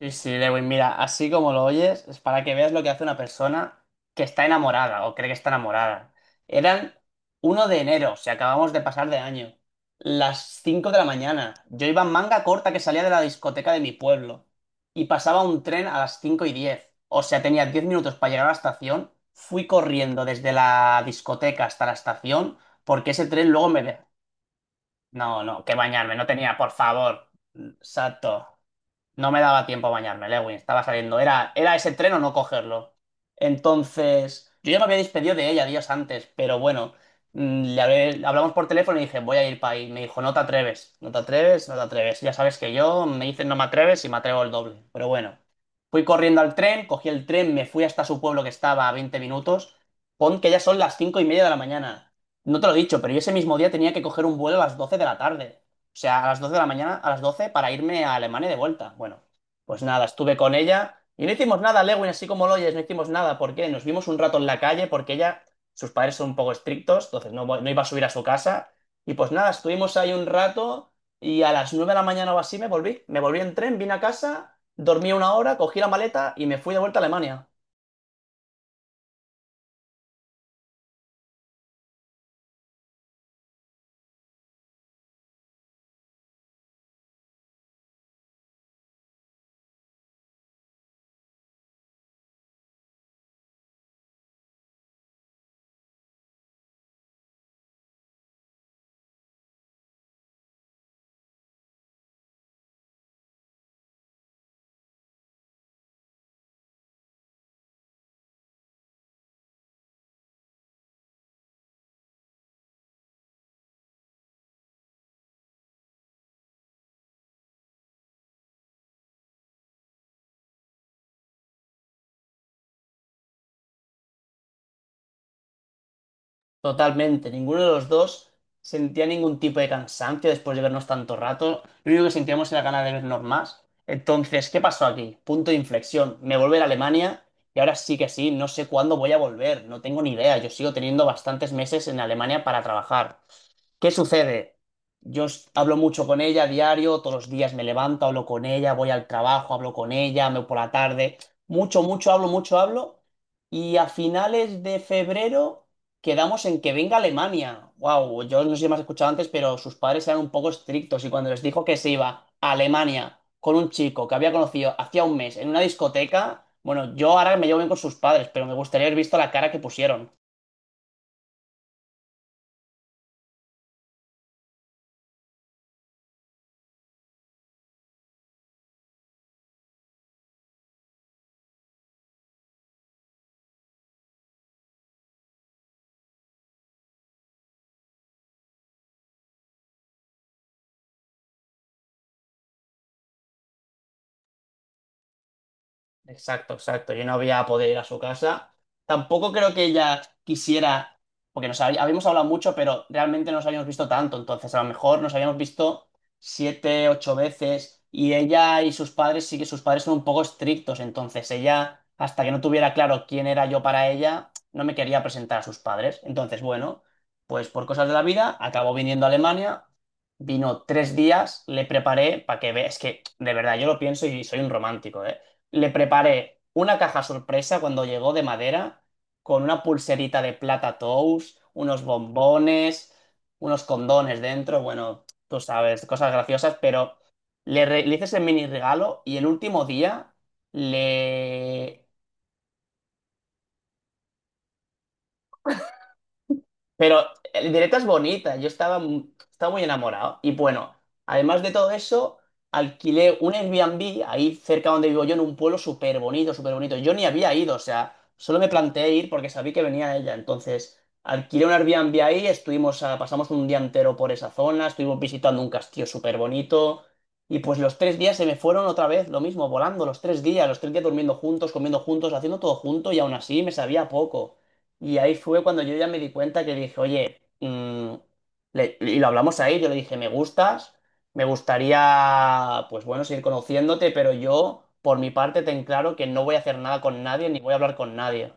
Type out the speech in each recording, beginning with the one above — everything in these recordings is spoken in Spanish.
Sí, sí, Lewin, mira, así como lo oyes, es para que veas lo que hace una persona que está enamorada o cree que está enamorada. Eran 1 de enero, si acabamos de pasar de año, las 5 de la mañana. Yo iba en manga corta que salía de la discoteca de mi pueblo y pasaba un tren a las 5:10. O sea, tenía 10 minutos para llegar a la estación. Fui corriendo desde la discoteca hasta la estación porque ese tren luego. No, no, que bañarme, no tenía, por favor. Exacto. No me daba tiempo a bañarme, Lewin, estaba saliendo. Era ese tren o no cogerlo. Entonces, yo ya me había despedido de ella días antes, pero bueno, hablamos por teléfono y dije, voy a ir para ahí. Me dijo, no te atreves, no te atreves, no te atreves. Ya sabes que yo me dicen no me atreves y me atrevo el doble. Pero bueno, fui corriendo al tren, cogí el tren, me fui hasta su pueblo que estaba a 20 minutos. Pon que ya son las 5:30 de la mañana. No te lo he dicho, pero yo ese mismo día tenía que coger un vuelo a las 12 de la tarde. O sea, a las 12 de la mañana, a las 12 para irme a Alemania de vuelta. Bueno, pues nada, estuve con ella y no hicimos nada, Lewin, así como lo oyes, no hicimos nada. ¿Por qué? Nos vimos un rato en la calle porque ella, sus padres son un poco estrictos, entonces no, no iba a subir a su casa. Y pues nada, estuvimos ahí un rato y a las 9 de la mañana o así me volví. Me volví en tren, vine a casa, dormí una hora, cogí la maleta y me fui de vuelta a Alemania. Totalmente, ninguno de los dos sentía ningún tipo de cansancio después de vernos tanto rato. Lo único que sentíamos era ganas de vernos más. Entonces, ¿qué pasó aquí? Punto de inflexión. Me volví a Alemania y ahora sí que sí, no sé cuándo voy a volver, no tengo ni idea. Yo sigo teniendo bastantes meses en Alemania para trabajar. ¿Qué sucede? Yo hablo mucho con ella a diario, todos los días me levanto, hablo con ella, voy al trabajo, hablo con ella, me voy por la tarde. Mucho, mucho hablo, mucho hablo. Y a finales de febrero. Quedamos en que venga Alemania. Wow, yo no sé si me has escuchado antes, pero sus padres eran un poco estrictos y cuando les dijo que se iba a Alemania con un chico que había conocido hacía un mes en una discoteca, bueno, yo ahora me llevo bien con sus padres, pero me gustaría haber visto la cara que pusieron. Exacto, exacto. Yo no había podido ir a su casa. Tampoco creo que ella quisiera, porque nos habíamos hablado mucho, pero realmente no nos habíamos visto tanto. Entonces, a lo mejor nos habíamos visto 7, 8 veces. Y ella y sus padres, sí que sus padres son un poco estrictos. Entonces, ella, hasta que no tuviera claro quién era yo para ella, no me quería presentar a sus padres. Entonces, bueno, pues por cosas de la vida, acabó viniendo a Alemania. Vino 3 días, le preparé para que vea. Es que, de verdad, yo lo pienso y soy un romántico, ¿eh? Le preparé una caja sorpresa cuando llegó de madera, con una pulserita de plata tous, unos bombones, unos condones dentro, bueno, tú sabes, cosas graciosas, pero le hice ese mini regalo y el último día le, Pero el directo es bonita, yo estaba muy enamorado. Y bueno, además de todo eso, alquilé un Airbnb ahí cerca donde vivo yo, en un pueblo súper bonito, súper bonito. Yo ni había ido, o sea, solo me planteé ir porque sabía que venía ella. Entonces, alquilé un Airbnb ahí, estuvimos pasamos un día entero por esa zona, estuvimos visitando un castillo súper bonito. Y pues los 3 días se me fueron otra vez, lo mismo, volando los 3 días, los 3 días durmiendo juntos, comiendo juntos, haciendo todo junto y aún así me sabía poco. Y ahí fue cuando yo ya me di cuenta que dije, oye, y lo hablamos ahí, yo le dije, me gustas, me gustaría, pues bueno, seguir conociéndote, pero yo, por mi parte, ten claro que no voy a hacer nada con nadie, ni voy a hablar con nadie.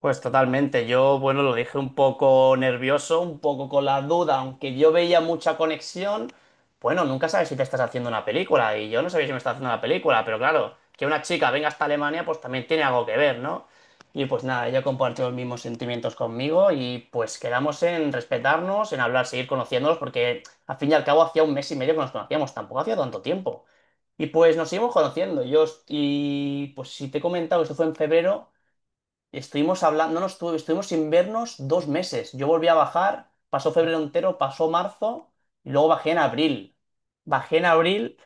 Pues totalmente. Yo, bueno, lo dije un poco nervioso, un poco con la duda, aunque yo veía mucha conexión. Bueno, nunca sabes si te estás haciendo una película, y yo no sabía si me estaba haciendo una película, pero claro, que una chica venga hasta Alemania, pues también tiene algo que ver, ¿no? Y pues nada, ella compartió los mismos sentimientos conmigo y pues quedamos en respetarnos, en hablar, seguir conociéndonos, porque al fin y al cabo hacía un mes y medio que nos conocíamos, tampoco hacía tanto tiempo. Y pues nos seguimos conociendo. Y pues si te he comentado, esto fue en febrero. Estuvimos hablando, no nos estuvimos sin vernos 2 meses. Yo volví a bajar, pasó febrero entero, pasó marzo y luego bajé en abril. Bajé en abril,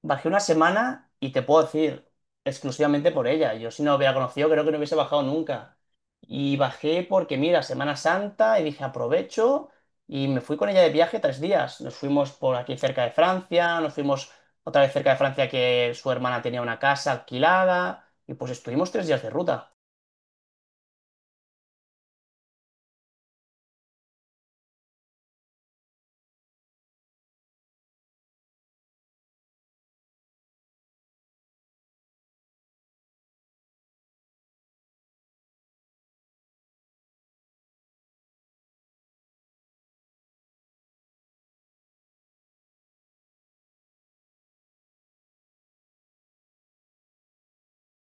bajé una semana y te puedo decir, exclusivamente por ella. Yo si no la hubiera conocido, creo que no hubiese bajado nunca. Y bajé porque, mira, Semana Santa y dije, aprovecho y me fui con ella de viaje 3 días. Nos fuimos por aquí cerca de Francia, nos fuimos otra vez cerca de Francia que su hermana tenía una casa alquilada y pues estuvimos 3 días de ruta.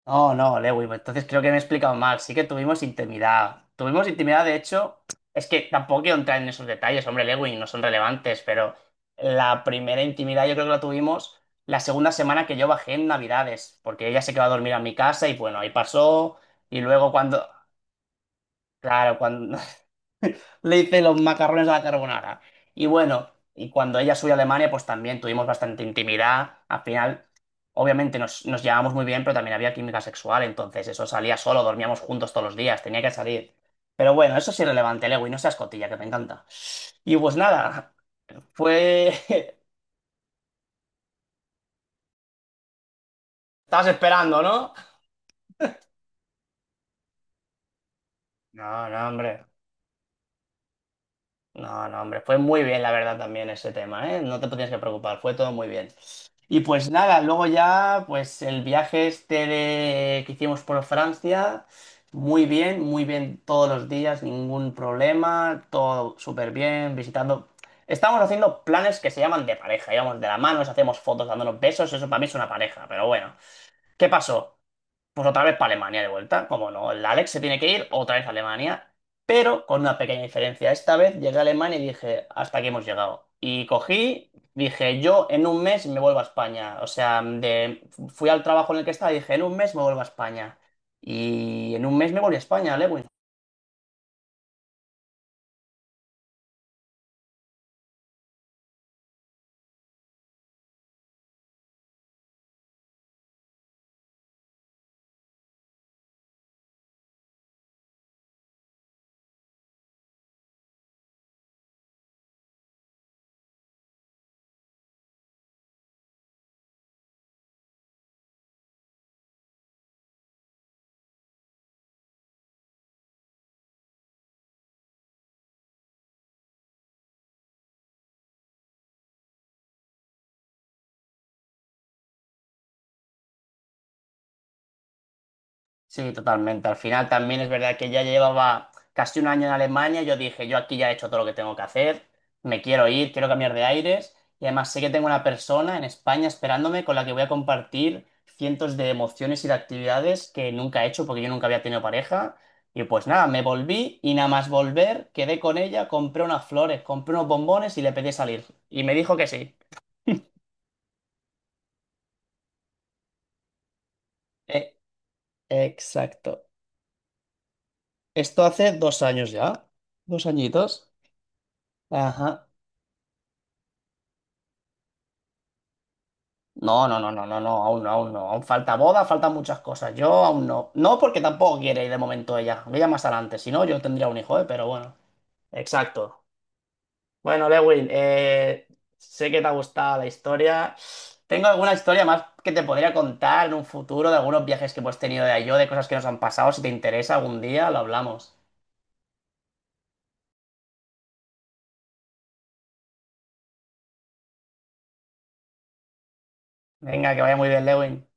No, no, Lewy, pues entonces creo que me he explicado mal. Sí que tuvimos intimidad. Tuvimos intimidad, de hecho, es que tampoco quiero entrar en esos detalles, hombre, Lewy, no son relevantes, pero la primera intimidad yo creo que la tuvimos la segunda semana que yo bajé en Navidades, porque ella se quedó a dormir a mi casa y bueno, ahí pasó. Y luego cuando, claro, cuando le hice los macarrones a la carbonara. Y bueno, y cuando ella subió a Alemania, pues también tuvimos bastante intimidad. Al final, obviamente nos llevábamos muy bien, pero también había química sexual, entonces eso salía solo, dormíamos juntos todos los días, tenía que salir. Pero bueno, eso es irrelevante, Lewis, no seas cotilla, que me encanta. Y pues nada, fue. Estabas esperando, ¿no? No, no, hombre. No, no, hombre, fue muy bien, la verdad, también ese tema, ¿eh? No te tienes que preocupar, fue todo muy bien. Y pues nada, luego ya, pues el viaje este que hicimos por Francia, muy bien todos los días, ningún problema, todo súper bien, visitando. Estamos haciendo planes que se llaman de pareja, íbamos de la mano, nos hacemos fotos dándonos besos, eso para mí es una pareja, pero bueno. ¿Qué pasó? Pues otra vez para Alemania de vuelta. Como no, el Alex se tiene que ir otra vez a Alemania, pero con una pequeña diferencia. Esta vez llegué a Alemania y dije, hasta aquí hemos llegado. Y cogí, dije, yo en un mes me vuelvo a España. O sea, fui al trabajo en el que estaba y dije, en un mes me vuelvo a España. Y en un mes me volví a España, Lewin. Sí, totalmente. Al final también es verdad que ya llevaba casi un año en Alemania. Yo dije, yo aquí ya he hecho todo lo que tengo que hacer, me quiero ir, quiero cambiar de aires. Y además sé que tengo una persona en España esperándome con la que voy a compartir cientos de emociones y de actividades que nunca he hecho porque yo nunca había tenido pareja. Y pues nada, me volví y nada más volver, quedé con ella, compré unas flores, compré unos bombones y le pedí salir. Y me dijo que sí. Eh, exacto. Esto hace 2 años ya. 2 añitos. Ajá. No, no, no, no, no, no, aún no, aún no. Aún falta boda, faltan muchas cosas. Yo aún no. No porque tampoco quiere ir de momento ella. Ella más adelante. Si no, yo tendría un hijo, ¿eh? Pero bueno. Exacto. Bueno, Lewin, sé que te ha gustado la historia. Tengo alguna historia más que te podría contar en un futuro de algunos viajes que hemos tenido de cosas que nos han pasado. Si te interesa algún día, lo hablamos. Venga, que vaya muy bien, Lewin.